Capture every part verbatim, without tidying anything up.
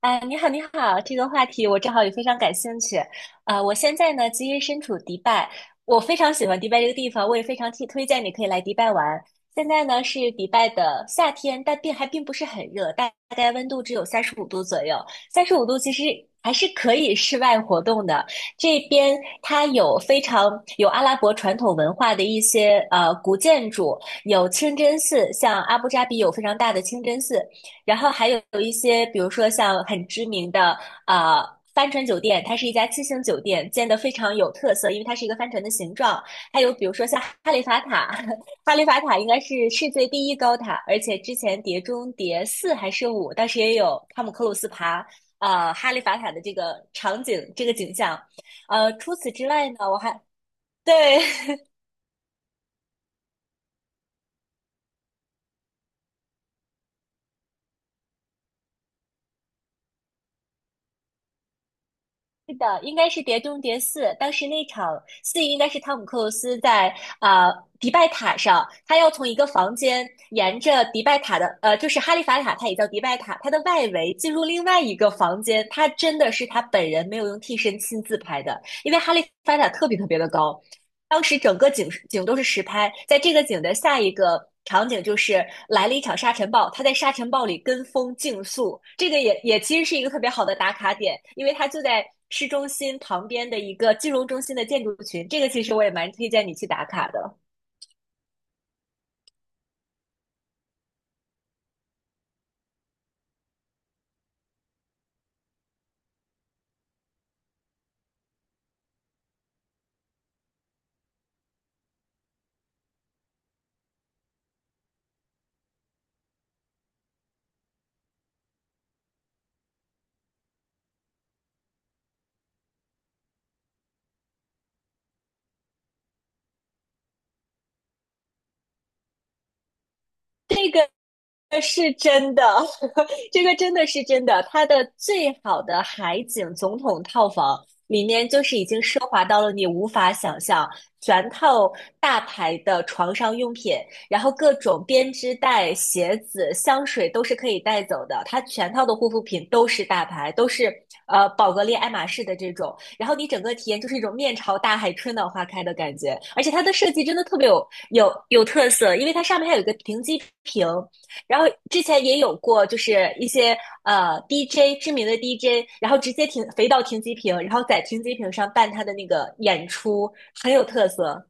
啊，你好，你好，这个话题我正好也非常感兴趣。啊，我现在呢，其实身处迪拜，我非常喜欢迪拜这个地方，我也非常推推荐你可以来迪拜玩。现在呢是迪拜的夏天，但并还并不是很热，大大概温度只有三十五度左右。三十五度其实还是可以室外活动的。这边它有非常有阿拉伯传统文化的一些呃古建筑，有清真寺，像阿布扎比有非常大的清真寺，然后还有一些，比如说像很知名的呃帆船酒店，它是一家七星酒店，建得非常有特色，因为它是一个帆船的形状。还有比如说像哈利法塔，哈利法塔应该是世界第一高塔，而且之前《碟中谍四》还是五，当时也有汤姆克鲁斯爬呃哈利法塔的这个场景，这个景象。呃，除此之外呢，我还对。是的，应该是《碟中谍四》。当时那场戏应该是汤姆·克鲁斯在啊、呃迪拜塔上，他要从一个房间沿着迪拜塔的呃，就是哈利法塔，它也叫迪拜塔，它的外围进入另外一个房间。他真的是他本人没有用替身亲自拍的，因为哈利法塔特别特别的高，当时整个景景都是实拍，在这个景的下一个场景就是来了一场沙尘暴，他在沙尘暴里跟风竞速，这个也也其实是一个特别好的打卡点，因为它就在市中心旁边的一个金融中心的建筑群，这个其实我也蛮推荐你去打卡的。呃是真的，这个真的是真的。它的最好的海景总统套房里面，就是已经奢华到了你无法想象，全套大牌的床上用品，然后各种编织袋、鞋子、香水都是可以带走的。它全套的护肤品都是大牌，都是呃宝格丽、爱马仕的这种。然后你整个体验就是一种面朝大海、春暖花开的感觉。而且它的设计真的特别有有有特色，因为它上面还有一个停机坪。然后之前也有过，就是一些呃 DJ 知名的 D J，然后直接停飞到停机坪，然后在停机坪上办他的那个演出，很有特色。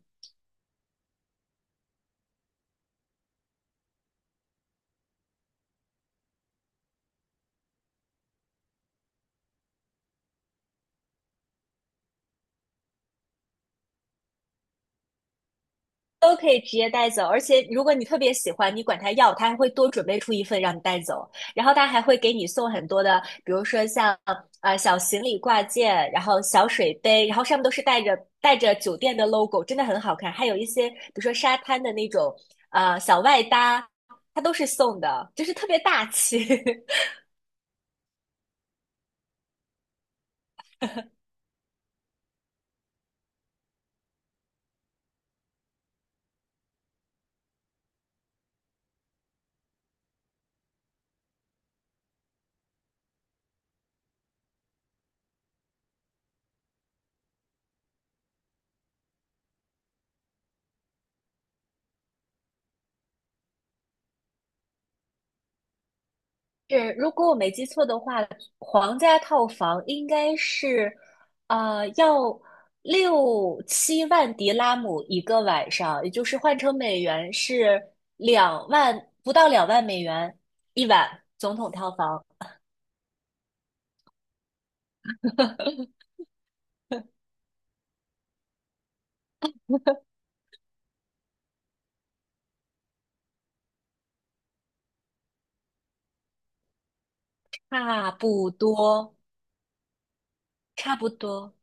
都可以直接带走，而且如果你特别喜欢，你管他要，他还会多准备出一份让你带走，然后他还会给你送很多的，比如说像呃小行李挂件，然后小水杯，然后上面都是带着带着酒店的 logo，真的很好看，还有一些比如说沙滩的那种呃小外搭，它都是送的，就是特别大气。是，如果我没记错的话，皇家套房应该是，呃，要六七万迪拉姆一个晚上，也就是换成美元是两万，不到两万美元一晚，总统套房，差不多，差不多。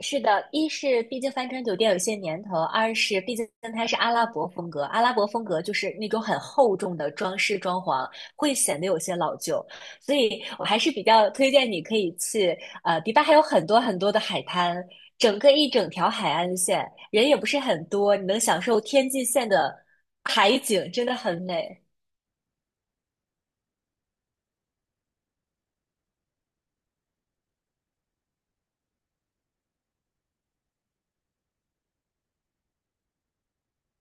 是的，一是毕竟帆船酒店有些年头，二是毕竟它是阿拉伯风格，阿拉伯风格就是那种很厚重的装饰装潢，会显得有些老旧，所以我还是比较推荐你可以去，呃，迪拜还有很多很多的海滩，整个一整条海岸线，人也不是很多，你能享受天际线的海景，真的很美。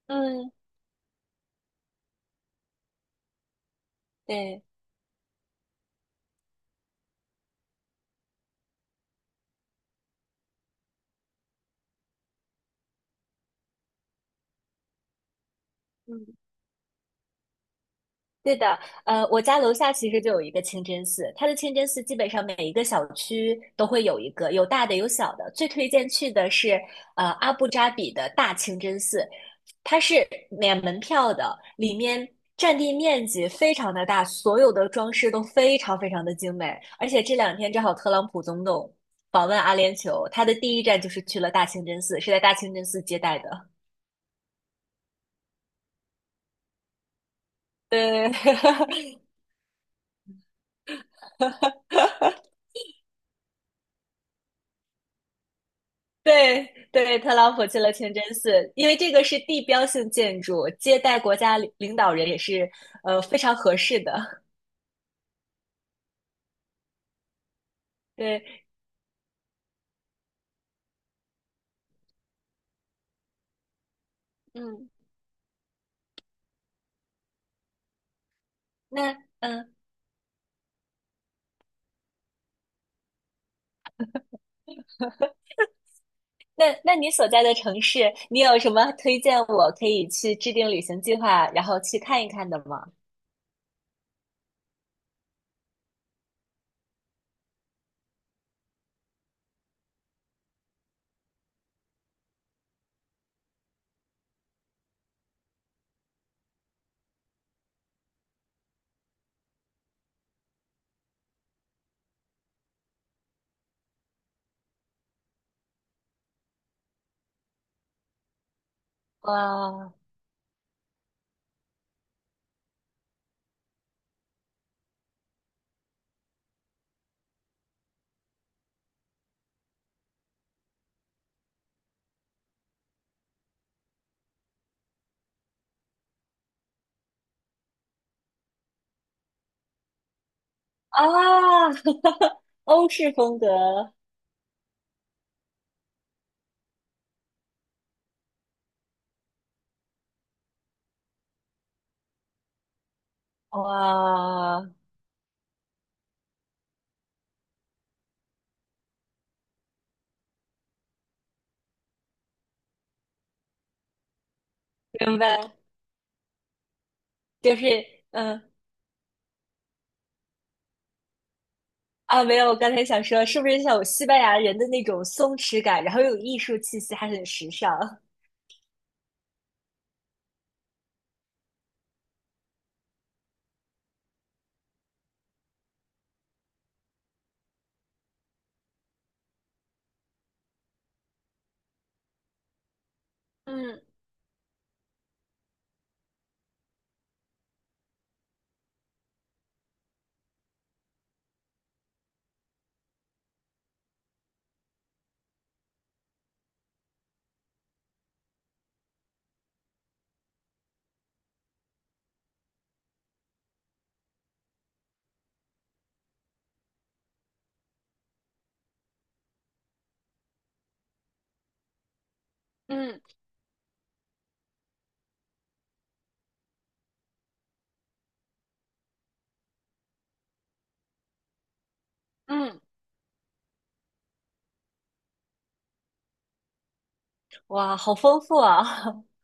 嗯。对。嗯。对的，呃，我家楼下其实就有一个清真寺，它的清真寺基本上每一个小区都会有一个，有大的有小的。最推荐去的是呃阿布扎比的大清真寺，它是免门票的，里面占地面积非常的大，所有的装饰都非常非常的精美。而且这两天正好特朗普总统访问阿联酋，他的第一站就是去了大清真寺，是在大清真寺接待的。对。对对，特朗普去了清真寺，因为这个是地标性建筑，接待国家领领导人也是呃非常合适的。对，嗯，那嗯，那那你所在的城市，你有什么推荐我可以去制定旅行计划，然后去看一看的吗？哇啊，欧式风格，哇，明白，就是嗯、啊，没有，我刚才想说，是不是像有西班牙人的那种松弛感，然后又有艺术气息，还很时尚？嗯嗯嗯，哇，好丰富啊！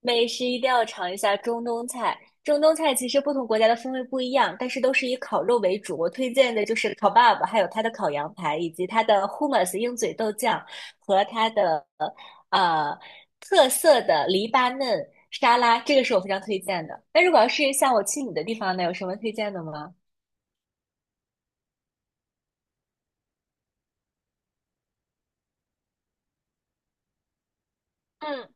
美食一定要尝一下中东菜。中东菜其实不同国家的风味不一样，但是都是以烤肉为主。我推荐的就是烤 e b a b 还有它的烤羊排，以及它的 hummus 鹰嘴豆酱和它的呃特色的黎巴嫩沙拉，这个是我非常推荐的。那如果要是像我去你的地方呢，有什么推荐的吗？嗯